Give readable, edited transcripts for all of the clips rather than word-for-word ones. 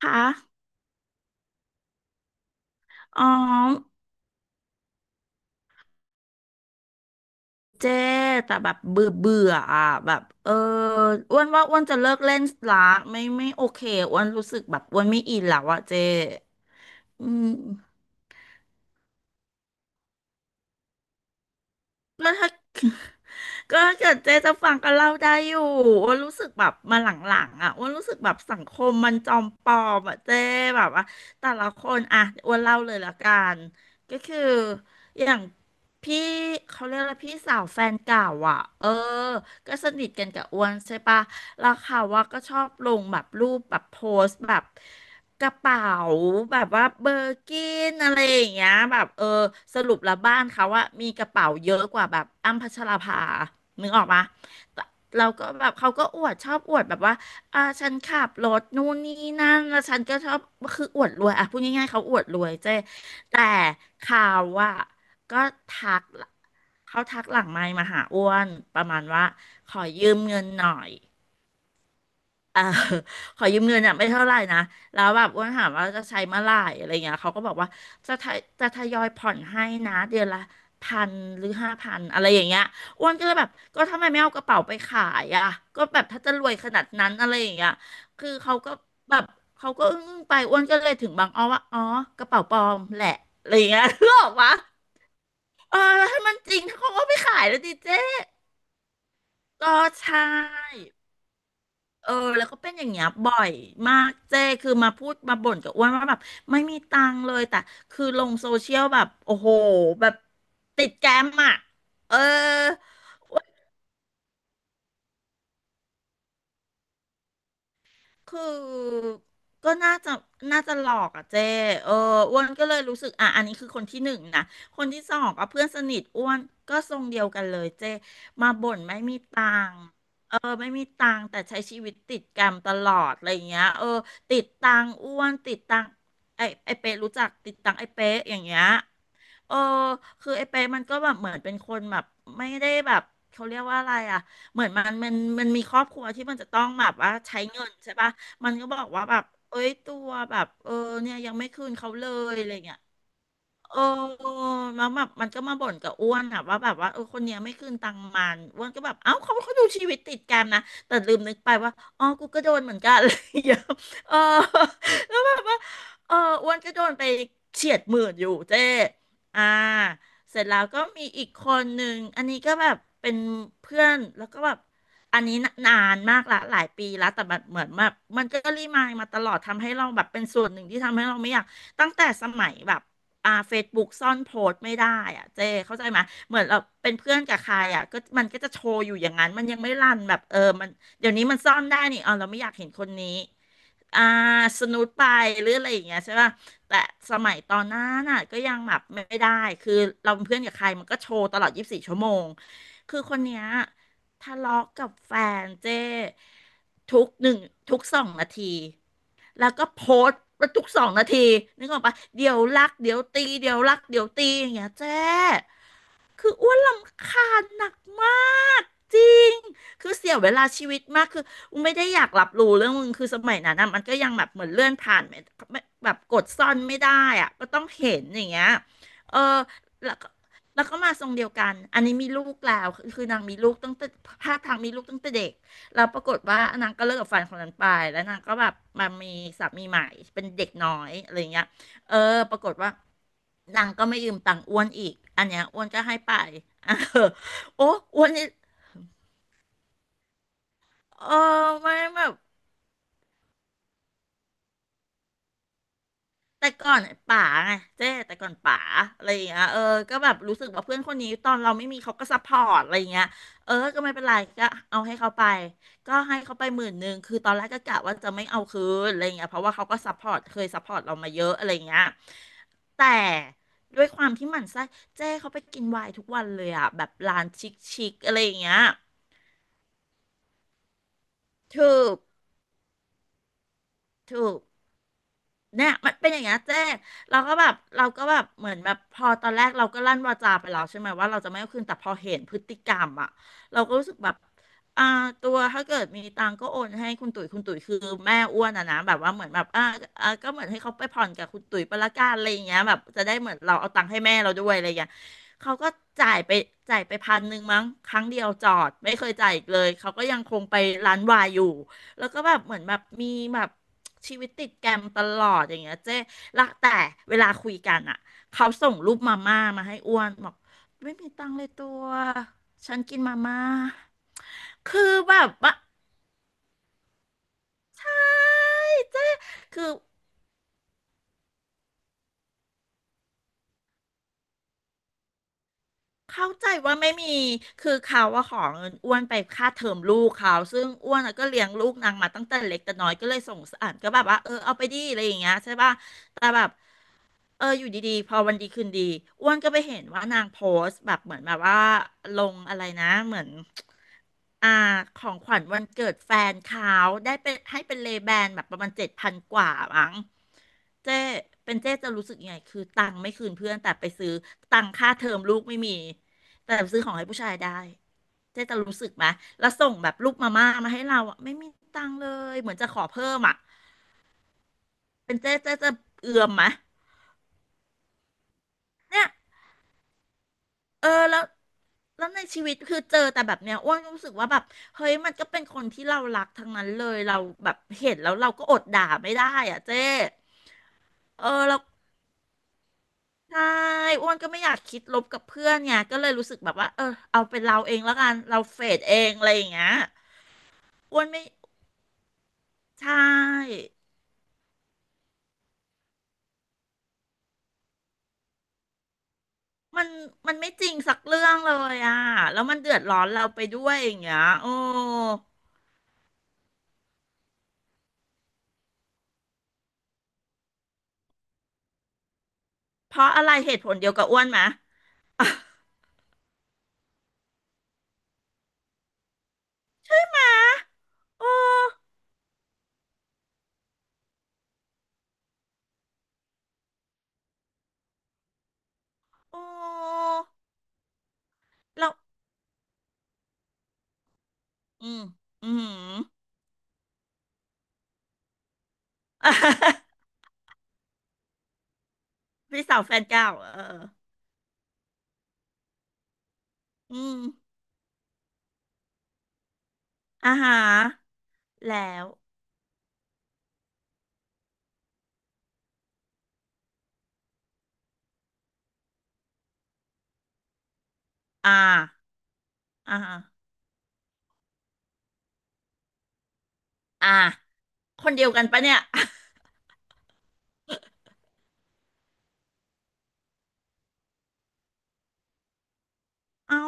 ค่ะอ๋อเจ๊แต่แบบเบื่อเบื่ออ่ะแบบเอออ้วนว่าอ้วนจะเลิกเล่นละไม่ไม่โอเคอ้วนรู้สึกแบบอ้วนไม่อินแล้วอ่ะเจ๊อืมก็ถ้า ก็ถ้าเกิดเจ๊จะฟังก็เล่าได้อยู่อ้วนรู้สึกแบบมาหลังๆอ่ะอ้วนรู้สึกแบบสังคมมันจอมปลอมอ่ะเจ๊แบบว่าแต่ละคนอ่ะอ้วนเล่าเลยละกันก็คือ อย่างพี่เขาเรียกอะไรพี่สาวแฟนเก่าอ่ะเออก็สนิทกันกับอ้วนใช่ปะแล้วเขาว่าก็ชอบลงแบบรูปแบบโพสต์แบบกระเป๋าแบบว่าเบอร์กินอะไรอย่างเงี้ยแบบเออสรุปแล้วบ้านเขาว่ามีกระเป๋าเยอะกว่าแบบอ้ำพัชราภานึกออกปะแต่เราก็แบบเขาก็อวดชอบอวดแบบว่าอ่าฉันขับรถนู่นนี่นั่นแล้วฉันก็ชอบคืออวดรวยอ่ะพูดง่ายๆเขาอวดรวยเจ้แต่ข่าวว่า ก็ทักเขาทักหลังไมค์มาหาอ้วนประมาณว่าขอยืมเงินหน่อย เออขอยืมเงินอ่ะไม่เท่าไหร่นะแล้วแบบอ้วนถามว่าจะใช้เมื่อไหร่อะไรเงี้ยเขาก็บอกว่าจะทยอยผ่อนให้นะเดือนละพันหรือ5,000อะไรอย่างเงี้ยอ้วนก็เลยแบบก็ทำไมไม่เอากระเป๋าไปขายอ่ะก็แบบถ้าจะรวยขนาดนั้นอะไรอย่างเงี้ยคือเขาก็แบบเขาก็อึ้งๆไปอ้วนก็เลยถึงบางอ้อว่าอ๋อกระเป๋าปลอมแหละอะไรอย่างเงี้ย รู้ออกปะ เออแล้วถ้ามันจริงเขาก็ไม่ขายแล้วดิเจ๊ก็ใช่เออแล้วก็เป็นอย่างเงี้ยบ่อยมากเจ๊คือมาพูดมาบ่นกับอ้วนว่าแบบไม่มีตังค์เลยแต่คือลงโซเชียลแบบโอ้โหแบบติดแกรมอ่ะเออ คือก็น่าจะน่าจะหลอกอ่ะเจ้เอออ้วนก็เลยรู้สึกอ่ะอันนี้คือคนที่หนึ่งนะคนที่สองก็เพื่อนสนิทอ้วนก็ทรงเดียวกันเลยเจ้มาบ่นไม่มีตังค์เออไม่มีตังค์แต่ใช้ชีวิตติดแกรมตลอดอะไรอย่างเงี้ยเออติดตังค์อ้วนติดตังค์ไอเป๊ะรู้จักติดตังค์ไอเป๊ะอย่างเงี้ย เออคือไอ้เป๊ะมันก็แบบเหมือนเป็นคนแบบไม่ได้แบบเขาเรียกว่าอะไรอ่ะ เหมือนมันมีครอบครัวที่มันจะต้องแบบว่าใช้เงินใช่ปะ มันก็บอกว่าแบบเอ้ยตัวแบบเออเนี่ยยังไม่คืนเขาเลยอะไรเงี้ย เออมาแบบมันก็มาบ่นกับอ้วนอะว่าแบบว่าเออคนเนี้ยไม่คืนตังค์มันอ้วนก็แบบเอ้าเขาดูชีวิตติดกันนะแต่ลืมนึกไปว่าอ๋อกูก็โดนเหมือนกัน อะไรอย่างเงี้ยเออ แล้วแบบว่าเอออ้วนก็โดนไปเฉียดหมื่นอยู่เจ้อ่าเสร็จแล้วก็มีอีกคนหนึ่งอันนี้ก็แบบเป็นเพื่อนแล้วก็แบบอันนี้นะนานมากละหลายปีแล้วแต่แบบเหมือนแบบมันก็รีมายมาตลอดทำให้เราแบบเป็นส่วนหนึ่งที่ทำให้เราไม่อยากตั้งแต่สมัยแบบ อ่าเฟซบุ๊กซ่อนโพสต์ไม่ได้อ่ะเจ๊เข้าใจไหมเหมือนเราเป็นเพื่อนกับใครอ่ะก็มันก็จะโชว์อยู่อย่างนั้นมันยังไม่รันแบบเออมันเดี๋ยวนี้มันซ่อนได้นี่อ๋อเราไม่อยากเห็นคนนี้ อ่าสนุดไปหรืออะไรอย่างเงี้ยใช่ป่ะแต่สมัยตอนนั้นน่ะก็ยังแบบไม่ได้คือเราเป็นเพื่อนกับใครมันก็โชว์ตลอด24 ชั่วโมงคือคนเนี้ยทะเลาะกับแฟนเจ้ทุกหนึ่งทุกสองนาทีแล้วก็โพสต์ทุกสองนาทีนึกออกปะเดี๋ยวรักเดี๋ยวตีเดี๋ยวรักเดี๋ยวตีอย่างเงี้ยเจ้ คืออ้วนรำคาญหนักมากจริงคือเสียเวลาชีวิตมากคืออูไม่ได้อยากรับรู้เรื่องมึงคือสมัยนั้นนะมันก็ยังแบบเหมือนเลื่อนผ่านไม่ไม่แบบกดซ่อนไม่ได้อะก็ต้องเห็นอย่างเงี้ยเออแล้วก็มาทรงเดียวกันอันนี้มีลูกแล้วคือนางมีลูกตั้งแต่ภาพทางมีลูกตั้งแต่เด็กแล้วปรากฏว่านางก็เลิกกับแฟนคนนั้นไปแล้วนางก็แบบมามีสามีใหม่เป็นเด็กน้อยอะไรเงี้ย เออปรากฏว่านางก็ไม่ยืมตังค์อ้วนอีก อันเนี้ยอ้วนก็ให้ไป อ่ะเออโอ้อ้วนนี่เออไม่แบบ แต่ก่อนป๋าไงเจ๊แต่ก่อนป๋าอะไรอย่างเงี้ยเออก็แบบรู้สึกว่าเพื่อนคนนี้ตอนเราไม่มีเขาก็ซัพพอร์ตอะไรอย่างเงี้ยเออก็ไม่เป็นไรก็เอาให้เขาไปก็ให้เขาไปหมื่นหนึ่งคือตอนแรกก็กะว่าจะไม่เอาคืนอะไรอย่างเงี้ยเพราะว่าเขาก็ซัพพอร์ตเคยซัพพอร์ตเรามาเยอะอะไรอย่างเงี้ยแต่ด้วยความที่หมั่นไส้เจ๊เขาไปกินไวน์ทุกวันเลยอ่ะแบบร้านชิคๆอะไรอย่างเงี้ยถูกถูก เนี่ยมันเป็นอย่างเงี้ยเจ๊เราก็แบบเหมือนแบบพอตอนแรกเราก็ลั่นวาจาไปแล้วใช่ไหมว่าเราจะไม่เอาคืนแต่พอเห็นพฤติกรรมอ่ะเราก็รู้สึกแบบอ่าตัวถ้าเกิดมีตังก็โอนให้คุณตุ๋ยคือแม่อ้วนอ่ะนะแบบว่าเหมือนแบบก็เหมือนให้เขาไปผ่อนกับคุณตุ๋ยไปละกันอะไรอย่างเงี้ยแบบจะได้เหมือนเราเอาตังค์ให้แม่เราด้วยอะไรอย่างเงี้ยเขาก็จ่ายไปพันหนึ่งมั้งครั้งเดียวจอดไม่เคยจ่ายอีกเลยเขาก็ยังคงไปร้านวายอยู่ แล้วก็แบบเหมือนแบบมีแบบชีวิตติดแกรมตลอดอย่างเงี้ยเจ๊ละแต่เวลาคุยกันอ่ะเขาส่งรูปมาม่ามาให้อ้วนบอกไม่มีตังค์เลยตัวฉันกินมาม่าคือแบบว่าอ้ายเจ๊คือเข้าใจว่าไม่มีคือเขาว่าขอเงินอ้วนไปค่าเทอมลูกเขาซึ่งอ้วนอะก็เลี้ยงลูกนางมาตั้งแต่เล็กแต่น้อยก็เลยสงสารก็แบบว่าเออเอาไปดิอะไรอย่างเงี้ยใช่ป่ะ แต่แบบเอออยู่ดีๆพอวันดีคืนดีอ้วนก็ไปเห็นว่านางโพสต์แบบเหมือนแบบว่าลงอะไรนะเหมือนอ่าของขวัญวันเกิดแฟนเขาได้เป็นให้เป็นเลแบนแบบประมาณเจ็ดพันกว่ามั้งเจ๊เป็นเจ๊จะรู้สึกยังไงคือตังค์ไม่คืนเพื่อนแต่ไปซื้อตังค่าเทอมลูกไม่มีแต่ซื้อของให้ผู้ชายได้เจ๊จะรู้สึกไหมแล้วส่งแบบลูกมาม่ามาให้เราอ่ะไม่มีตังค์เลยเหมือนจะขอเพิ่มอ่ะเป็นเจ๊จะเอือมไหมเนี่ย เออแล้วแล้วในชีวิตคือเจอแต่แบบเนี้ยอ้วนรู้สึกว่าแบบเฮ้ยมันก็เป็นคนที่เรารักทั้งนั้นเลยเราแบบเห็นแล้วเราก็อดด่าไม่ได้อ่ะเจ๊เออแล้วใช่อ้วนก็ไม่อยากคิดลบกับเพื่อนไงก็เลยรู้สึกแบบว่าเออเอาเป็นเราเองแล้วกันเราเฟดเองอะไรอย่างเงี้ยอ้วนไม่ใช่มันมันไม่จริงสักเรื่องเลยอ่ะแล้วมันเดือดร้อนเราไปด้วยอย่างเงี้ยโอ้เพราะอะไรเหตุผลเดียวกับอ้วนไหมโอ้โอ้เรา อืมอืมอ่ะ พี่สาวแฟนเก่าเอออืมอ่าฮะแล้วอ่าอ่าฮะอ่าคนเดียวกันปะเนี่ย เอา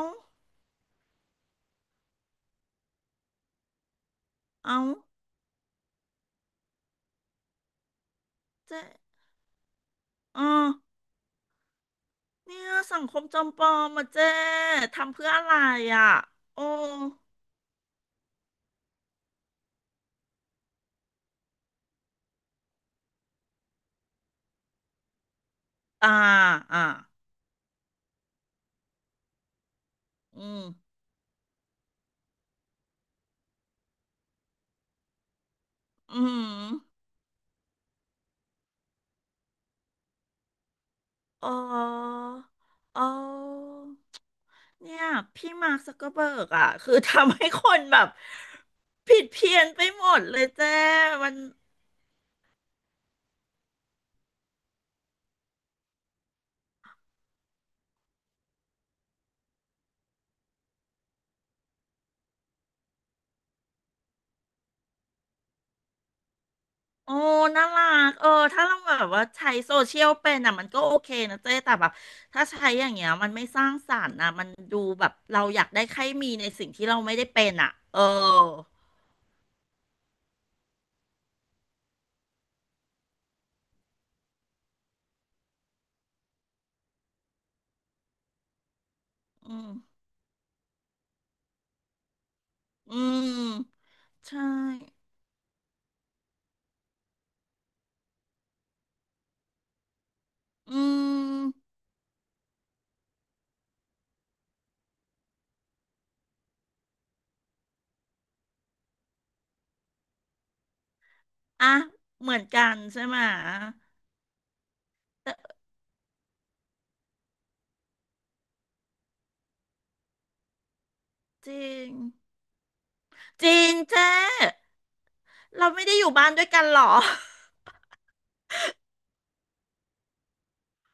เอาเจ๊เ๋อเนี่ยสังคมจำปลอมมาเจ๊ทำเพื่ออะไรอ่ะโอ้อ่าอ่าอืมอืมอ๋อ้๋อ เนี่ยพี่มาร์คซักเกอร์เบิร์กอ่ะ คือทำให้คนแบบผิดเพี้ยนไปหมดเลยเจ้มันโอ้น่ารักเออถ้าเราแบบว่าใช้โซเชียลเป็นอ่ะมันก็โอเคนะเจ้แต่แบบถ้าใช้อย่างเงี้ยมันไม่สร้างสรรค์นะมันดูแบบเราอยากได้ใครมีในสิ่งที่เราไม่ได้เป็นอ่ะเอออืมอืมใช่อืมอ่ะเหมือนกันใช่ไหมะแต่จริงจริงเจ้ เราไม่ได้อยู่บ้านด้วยกันหรอ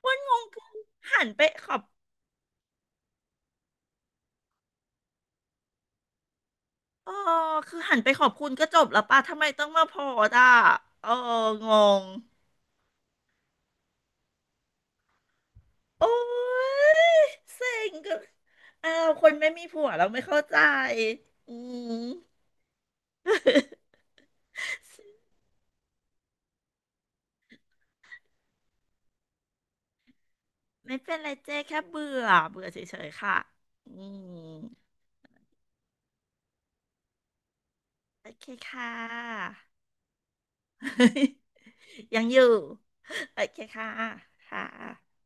งงคือหันไปขอบเออคือหันไปขอบคุณก็จบแล้วป่ะทำไมต้องมาโพสต์อ่ะเอองงโอ้ยเซ็งก็อ้าวคนไม่มีผัวเราไม่เข้าใจอืม ไม่เป็นไรเจ๊แค่เบื่อ เบื่อเฉยๆค่ะอืมโอเคค่ะ ยังอยู่ โอเคค่ะ ค่ะ